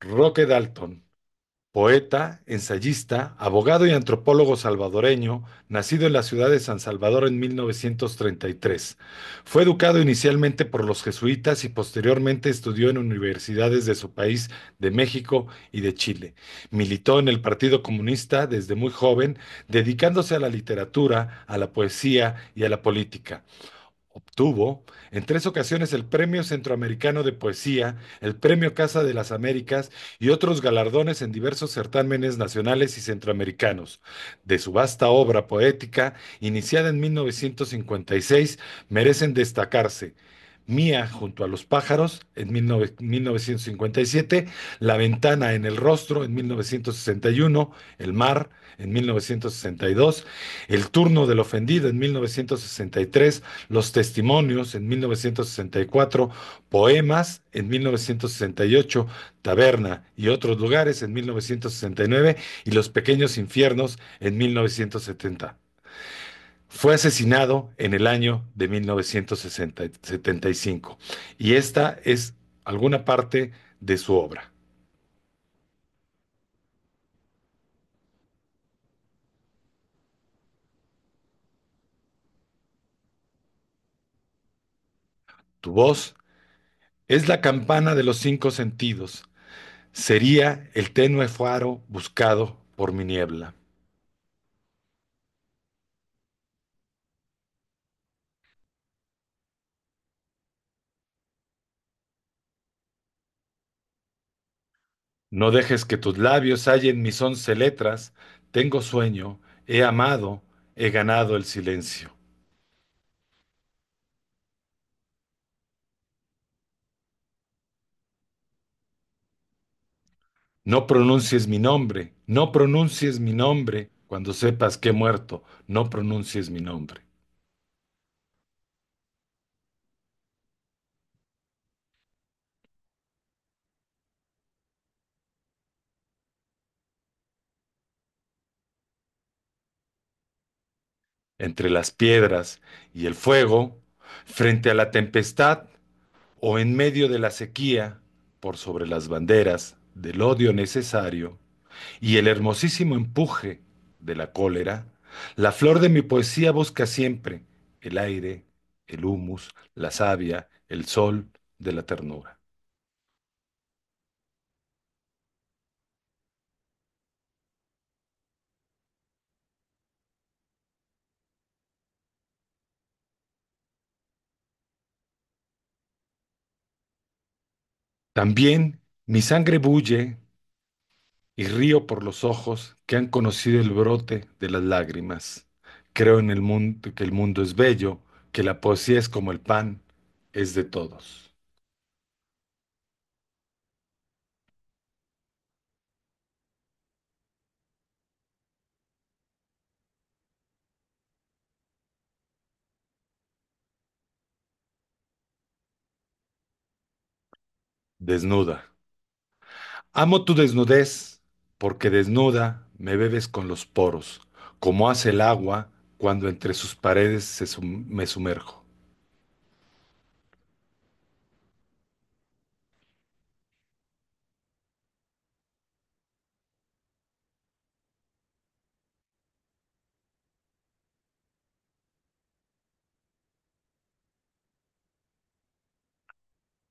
Roque Dalton, poeta, ensayista, abogado y antropólogo salvadoreño, nacido en la ciudad de San Salvador en 1933. Fue educado inicialmente por los jesuitas y posteriormente estudió en universidades de su país, de México y de Chile. Militó en el Partido Comunista desde muy joven, dedicándose a la literatura, a la poesía y a la política. Obtuvo en tres ocasiones el Premio Centroamericano de Poesía, el Premio Casa de las Américas y otros galardones en diversos certámenes nacionales y centroamericanos. De su vasta obra poética, iniciada en mil novecientos cincuenta y seis, merecen destacarse Mía junto a los pájaros en mil novecientos cincuenta y siete, La ventana en el rostro en mil novecientos sesenta y uno, El mar en mil novecientos sesenta y dos, El turno del ofendido en mil novecientos sesenta y tres, los Testimonios en 1964, Poemas en 1968, Taberna y otros lugares en 1969, y Los Pequeños Infiernos en 1970. Fue asesinado en el año de 1975 y esta es alguna parte de su obra. Tu voz es la campana de los cinco sentidos, sería el tenue faro buscado por mi niebla. No dejes que tus labios hallen mis once letras. Tengo sueño, he amado, he ganado el silencio. No pronuncies mi nombre, no pronuncies mi nombre. Cuando sepas que he muerto, no pronuncies mi nombre. Entre las piedras y el fuego, frente a la tempestad o en medio de la sequía, por sobre las banderas del odio necesario, y el hermosísimo empuje de la cólera, la flor de mi poesía busca siempre el aire, el humus, la savia, el sol de la ternura. También mi sangre bulle y río por los ojos que han conocido el brote de las lágrimas. Creo en el mundo, que el mundo es bello, que la poesía es como el pan, es de todos. Desnuda. Amo tu desnudez, porque desnuda me bebes con los poros, como hace el agua cuando entre sus paredes me sumerjo.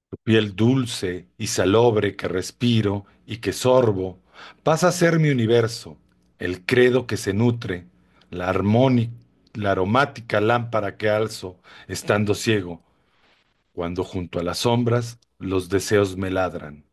Tu piel dulce y salobre que respiro y que sorbo, pasa a ser mi universo, el credo que se nutre, la armónica, la aromática lámpara que alzo, estando ciego, cuando junto a las sombras los deseos me ladran.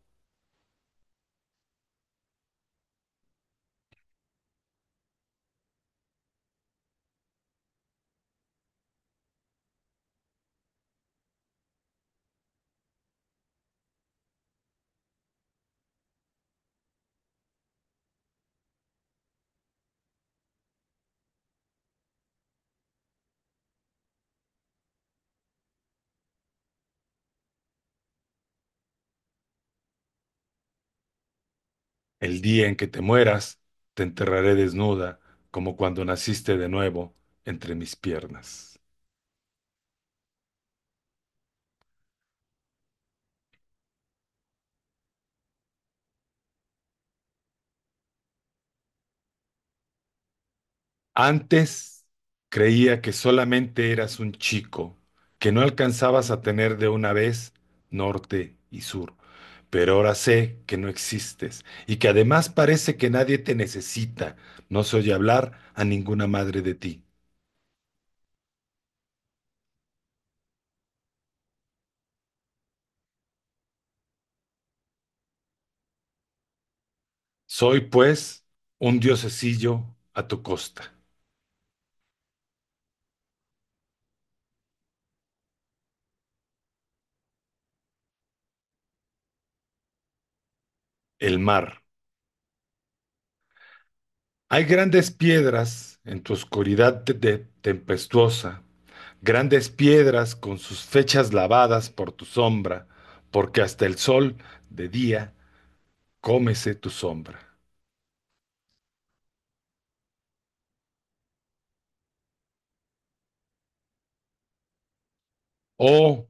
El día en que te mueras, te enterraré desnuda, como cuando naciste de nuevo entre mis piernas. Antes creía que solamente eras un chico, que no alcanzabas a tener de una vez norte y sur, pero ahora sé que no existes y que además parece que nadie te necesita. No se oye hablar a ninguna madre de ti. Soy, pues, un diosecillo a tu costa, el mar. Hay grandes piedras en tu oscuridad tempestuosa, grandes piedras con sus fechas lavadas por tu sombra, porque hasta el sol de día cómese tu sombra. Oh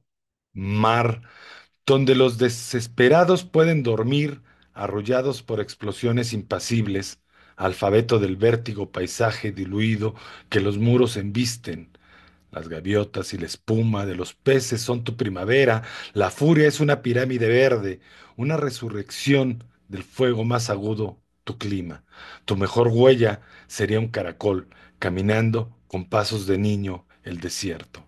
mar, donde los desesperados pueden dormir, arrollados por explosiones impasibles, alfabeto del vértigo, paisaje diluido que los muros embisten. Las gaviotas y la espuma de los peces son tu primavera. La furia es una pirámide verde, una resurrección del fuego más agudo, tu clima. Tu mejor huella sería un caracol caminando con pasos de niño el desierto.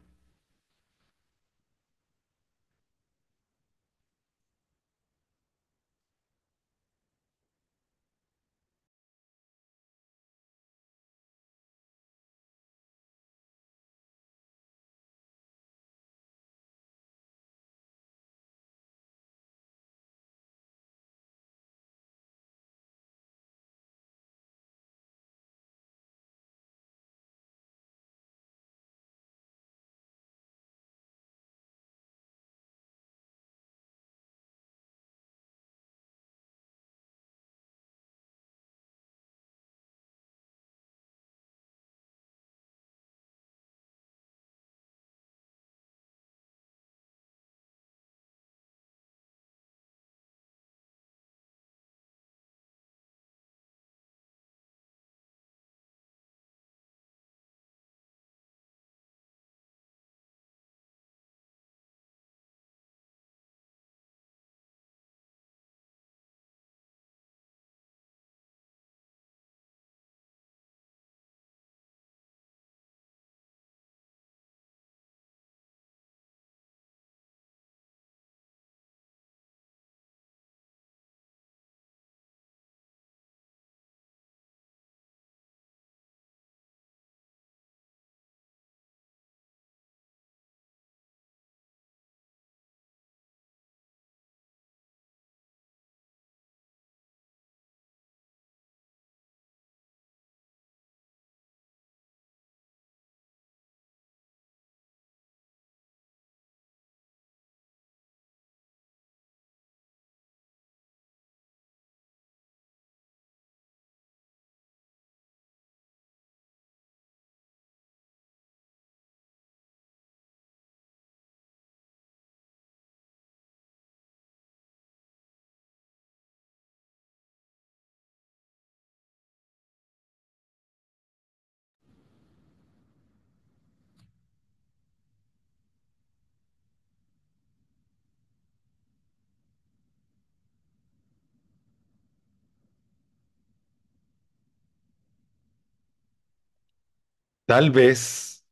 Tal vez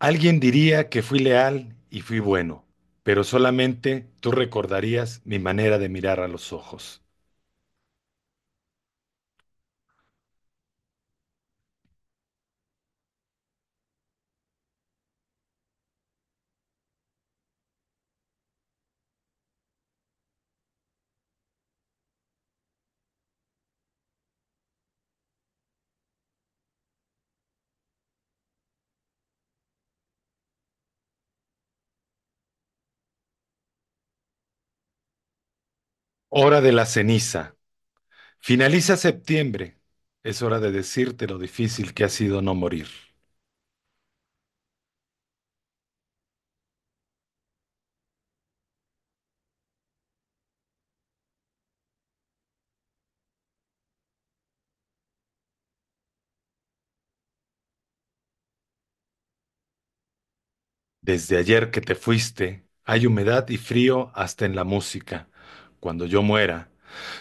alguien diría que fui leal y fui bueno, pero solamente tú recordarías mi manera de mirar a los ojos. Hora de la ceniza. Finaliza septiembre. Es hora de decirte lo difícil que ha sido no morir. Desde ayer que te fuiste, hay humedad y frío hasta en la música. Cuando yo muera,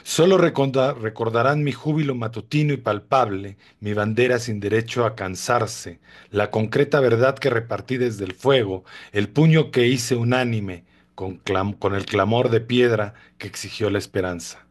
solo recordarán mi júbilo matutino y palpable, mi bandera sin derecho a cansarse, la concreta verdad que repartí desde el fuego, el puño que hice unánime con el clamor de piedra que exigió la esperanza.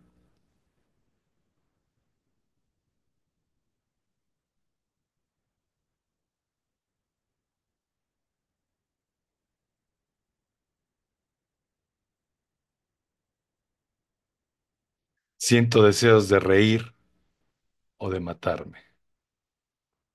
Siento deseos de reír o de matarme.